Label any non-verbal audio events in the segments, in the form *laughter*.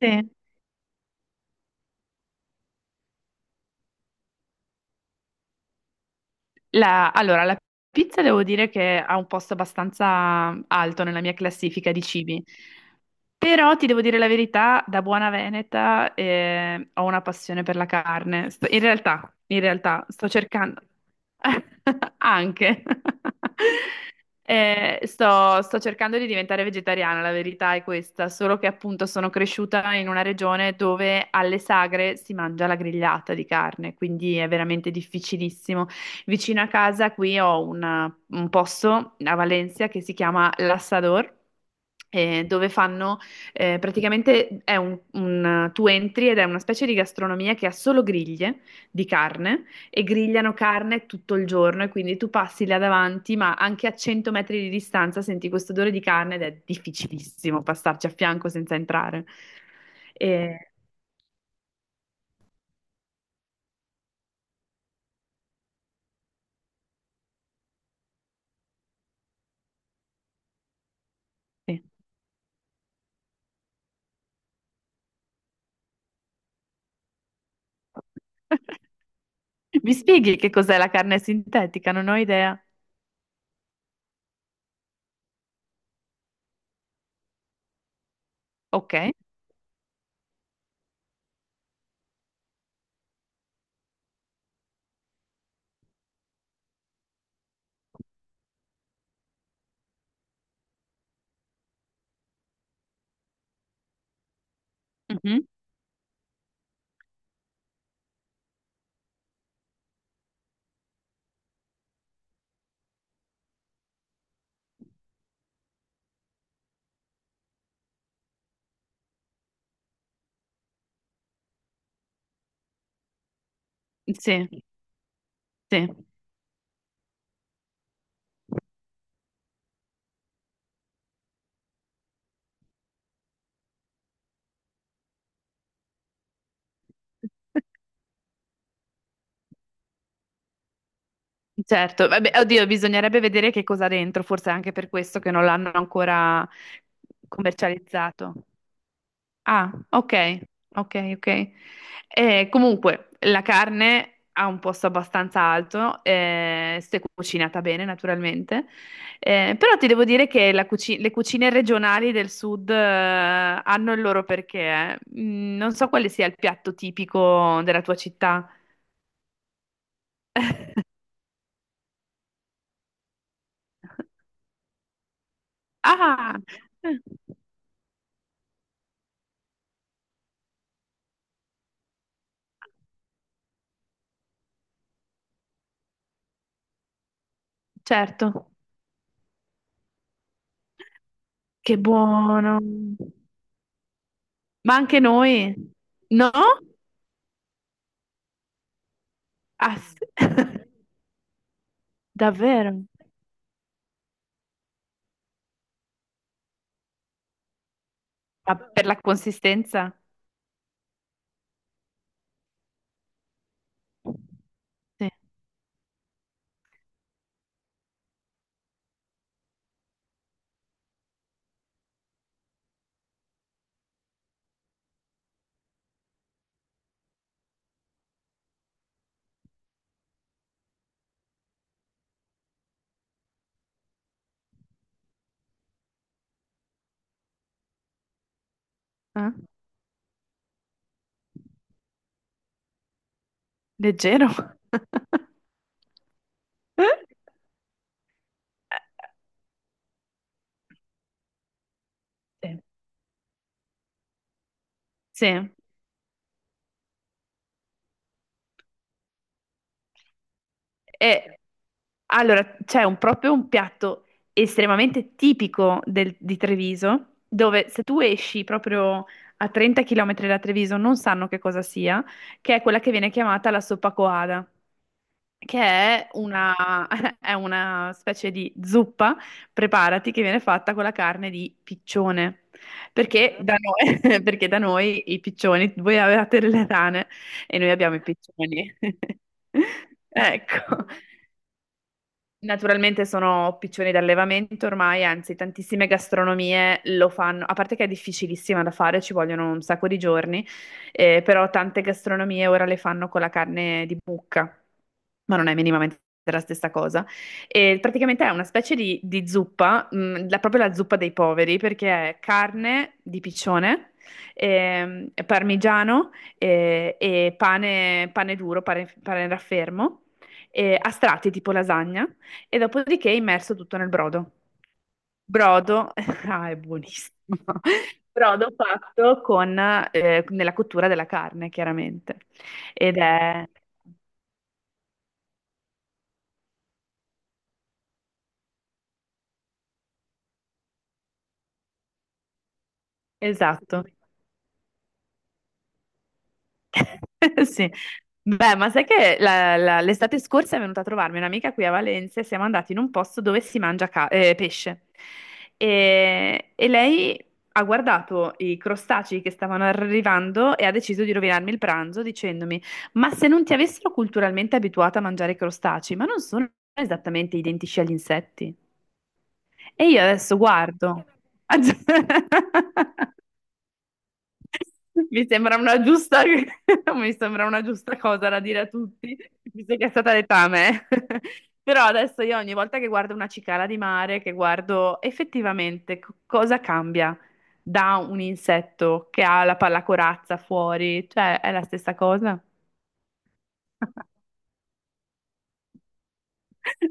Sì. Allora, la pizza devo dire che ha un posto abbastanza alto nella mia classifica di cibi. Però ti devo dire la verità, da buona veneta ho una passione per la carne. In realtà, in realtà sto cercando *laughs* anche. *laughs* Sto cercando di diventare vegetariana, la verità è questa, solo che appunto sono cresciuta in una regione dove alle sagre si mangia la grigliata di carne, quindi è veramente difficilissimo. Vicino a casa qui ho un posto a Valencia che si chiama L'Assador, dove fanno praticamente è tu entri ed è una specie di gastronomia che ha solo griglie di carne e grigliano carne tutto il giorno e quindi tu passi là davanti, ma anche a 100 metri di distanza senti questo odore di carne ed è difficilissimo passarci a fianco senza entrare. E- sì. *laughs* Mi spieghi che cos'è la carne sintetica? Non ho idea. Ok. Mhm. Sì, sì. Certo, vabbè, oddio, bisognerebbe vedere che cosa ha dentro, forse è anche per questo che non l'hanno ancora commercializzato. Ah, ok, ok, ok. Comunque, la carne ha un posto abbastanza alto, se cucinata bene, naturalmente. Però ti devo dire che la le cucine regionali del sud, hanno il loro perché. Non so quale sia il piatto tipico della tua città. *laughs* Ah, certo. Che buono. Ma anche noi? No? Ah, sì. *laughs* Davvero? Ma per la consistenza? Sì. Eh? Leggero? *laughs* Sì. Sì. E allora c'è proprio un piatto estremamente tipico di Treviso, dove se tu esci proprio a 30 km da Treviso non sanno che cosa sia, che è quella che viene chiamata la soppa coada, che è una, *laughs* è una specie di zuppa, preparati, che viene fatta con la carne di piccione. Perché Mhm. da noi, *laughs* perché da noi i piccioni, voi avevate le rane e noi abbiamo i piccioni. *laughs* Ecco, naturalmente sono piccioni d'allevamento ormai, anzi tantissime gastronomie lo fanno, a parte che è difficilissima da fare, ci vogliono un sacco di giorni, però tante gastronomie ora le fanno con la carne di mucca, ma non è minimamente la stessa cosa. E praticamente è una specie di zuppa, proprio la zuppa dei poveri, perché è carne di piccione, parmigiano, e pane, pane duro, pane raffermo, a strati tipo lasagna e dopodiché immerso tutto nel brodo. Brodo, *laughs* ah, è buonissimo. *laughs* Brodo fatto con, nella cottura della carne, chiaramente. Ed è esatto. *laughs* Sì. Beh, ma sai che l'estate scorsa è venuta a trovarmi un'amica qui a Valencia e siamo andati in un posto dove si mangia pesce. E lei ha guardato i crostacei che stavano arrivando e ha deciso di rovinarmi il pranzo dicendomi: ma se non ti avessero culturalmente abituata a mangiare crostacei, ma non sono esattamente identici agli insetti? E io adesso guardo. *laughs* *laughs* Mi sembra una giusta, *laughs* mi sembra una giusta cosa da dire a tutti, visto che è stata detta a me. *laughs* Però adesso io ogni volta che guardo una cicala di mare, che guardo effettivamente cosa cambia da un insetto che ha la pallacorazza fuori, cioè è la stessa cosa. *laughs*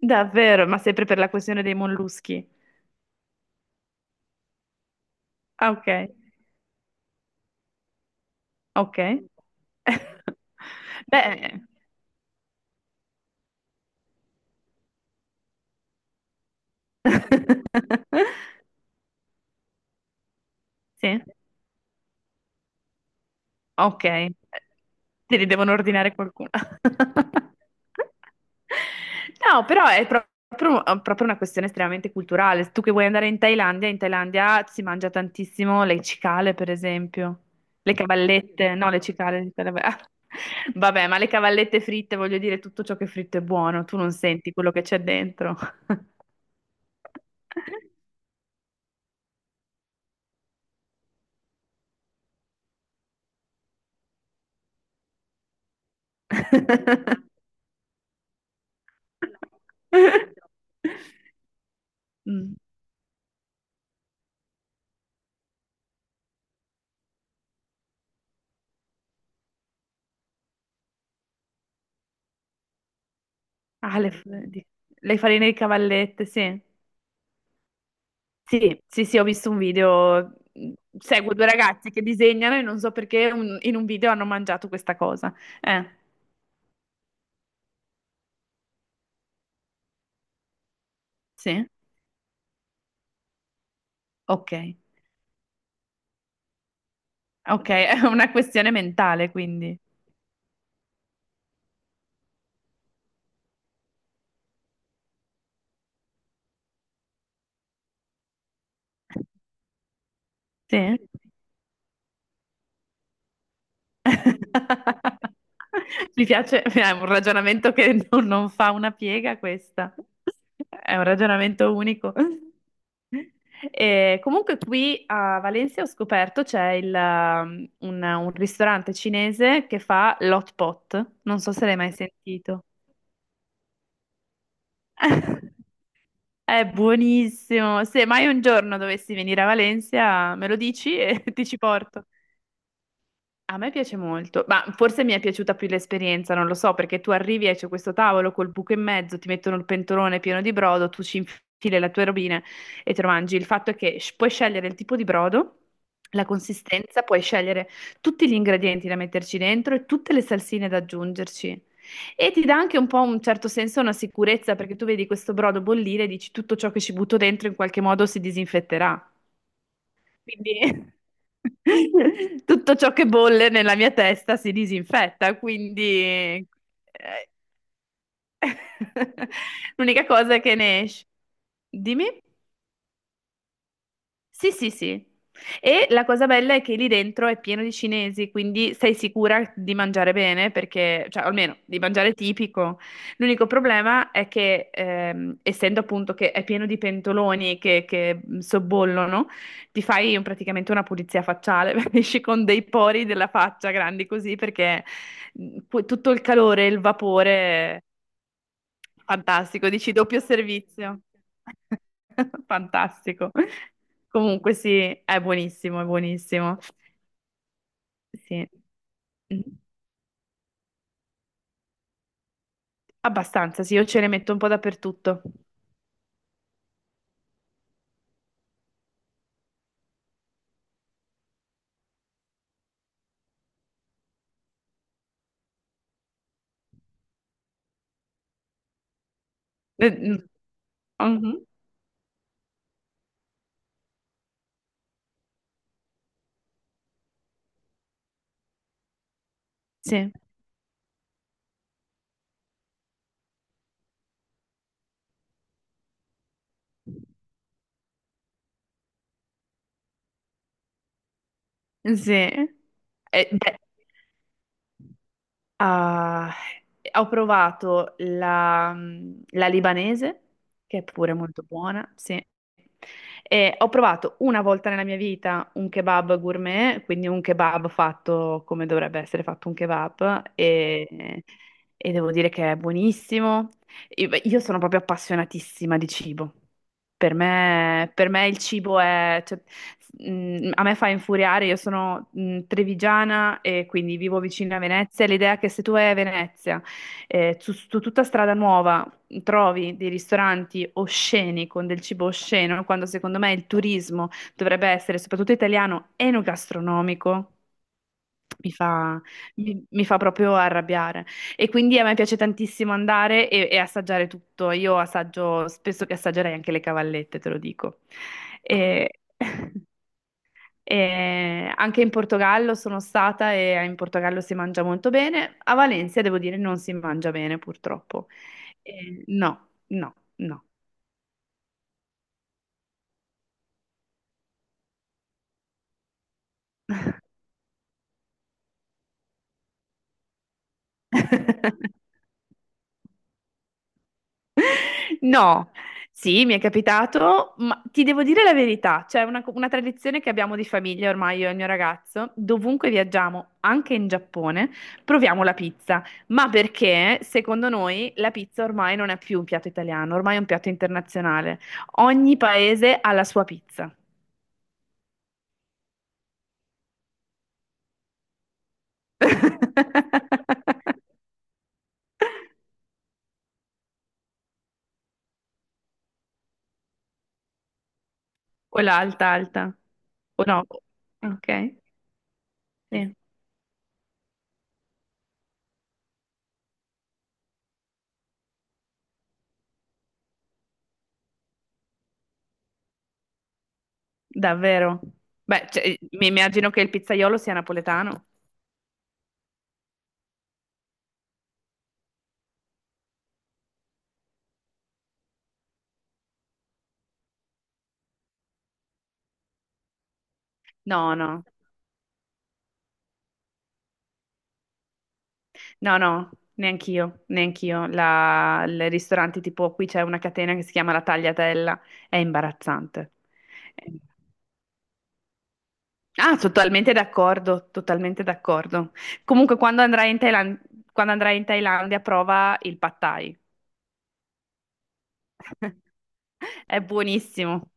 Davvero, ma sempre per la questione dei molluschi. Ah, ok, ok. *laughs* Beh. *laughs* Sì. Ok, te li devono ordinare qualcuno. *laughs* No, però è proprio, proprio una questione estremamente culturale. Tu che vuoi andare in Thailandia si mangia tantissimo le cicale, per esempio. Le cavallette, no, le cicale. *laughs* Vabbè, ma le cavallette fritte, voglio dire, tutto ciò che è fritto è buono, tu non senti quello che c'è dentro. *laughs* Mm. Ah, le, f- di- le farine di cavallette, sì. Sì, sì, sì, ho visto un video. Seguo due ragazzi che disegnano e non so perché in un video hanno mangiato questa cosa. Eh, sì? Ok. Ok, *laughs* è una questione mentale, quindi. Sì? *laughs* Mi piace, è un ragionamento che non fa una piega questa, è un ragionamento unico. E comunque qui a Valencia ho scoperto c'è un ristorante cinese che fa l'hot pot, non so se l'hai mai sentito. *laughs* È buonissimo, se mai un giorno dovessi venire a Valencia me lo dici e *laughs* ti ci porto. A me piace molto, ma forse mi è piaciuta più l'esperienza, non lo so, perché tu arrivi e c'è questo tavolo col buco in mezzo, ti mettono il pentolone pieno di brodo, tu ci infili le tue robine e te lo mangi. Il fatto è che puoi scegliere il tipo di brodo, la consistenza, puoi scegliere tutti gli ingredienti da metterci dentro e tutte le salsine da aggiungerci. E ti dà anche un po' un certo senso, una sicurezza, perché tu vedi questo brodo bollire e dici tutto ciò che ci butto dentro in qualche modo si disinfetterà. Quindi *laughs* tutto ciò che bolle nella mia testa si disinfetta, quindi *laughs* l'unica cosa è che ne esce. Dimmi? Sì, sì, sì. E la cosa bella è che lì dentro è pieno di cinesi, quindi sei sicura di mangiare bene, perché, cioè almeno di mangiare tipico. L'unico problema è che, essendo appunto che è pieno di pentoloni che sobbollono, ti fai praticamente una pulizia facciale, *laughs* esci con dei pori della faccia grandi così, perché tutto il calore, il vapore. Fantastico, dici doppio servizio. *laughs* Fantastico. Comunque sì, è buonissimo, è buonissimo. Sì. Mm, Abbastanza, sì, io ce ne metto un po' dappertutto. Eh, mm, mhm, Sì, sì. Beh. Ah, ho provato la libanese, che è pure molto buona, sì. E ho provato una volta nella mia vita un kebab gourmet, quindi un kebab fatto come dovrebbe essere fatto un kebab, e devo dire che è buonissimo. Io beh, io sono proprio appassionatissima di cibo. Per me il cibo è... cioè, a me fa infuriare, io sono trevigiana e quindi vivo vicino a Venezia. L'idea che se tu vai a Venezia, su tutta strada nuova, trovi dei ristoranti osceni con del cibo osceno, quando secondo me il turismo dovrebbe essere, soprattutto italiano, enogastronomico mi fa, mi fa proprio arrabbiare. E quindi a me piace tantissimo andare e assaggiare tutto. Io assaggio, spesso che assaggerei anche le cavallette, te lo dico. E- *laughs* e anche in Portogallo sono stata e in Portogallo si mangia molto bene. A Valencia, devo dire, non si mangia bene, purtroppo. E no, no, no. *laughs* No, sì, mi è capitato, ma ti devo dire la verità, c'è una tradizione che abbiamo di famiglia ormai io e il mio ragazzo, dovunque viaggiamo, anche in Giappone, proviamo la pizza, ma perché secondo noi la pizza ormai non è più un piatto italiano, ormai è un piatto internazionale. Ogni paese ha la sua pizza. *laughs* O l'alta, alta, o no? Ok, sì, davvero. Beh, cioè, mi immagino che il pizzaiolo sia napoletano. No, no, no, neanch'io, neanch'io. Il ristorante tipo qui c'è una catena che si chiama La Tagliatella, è imbarazzante. È- Ah, sono totalmente d'accordo, totalmente d'accordo. Comunque quando andrai in Thailandia prova il pad thai. *laughs* È buonissimo.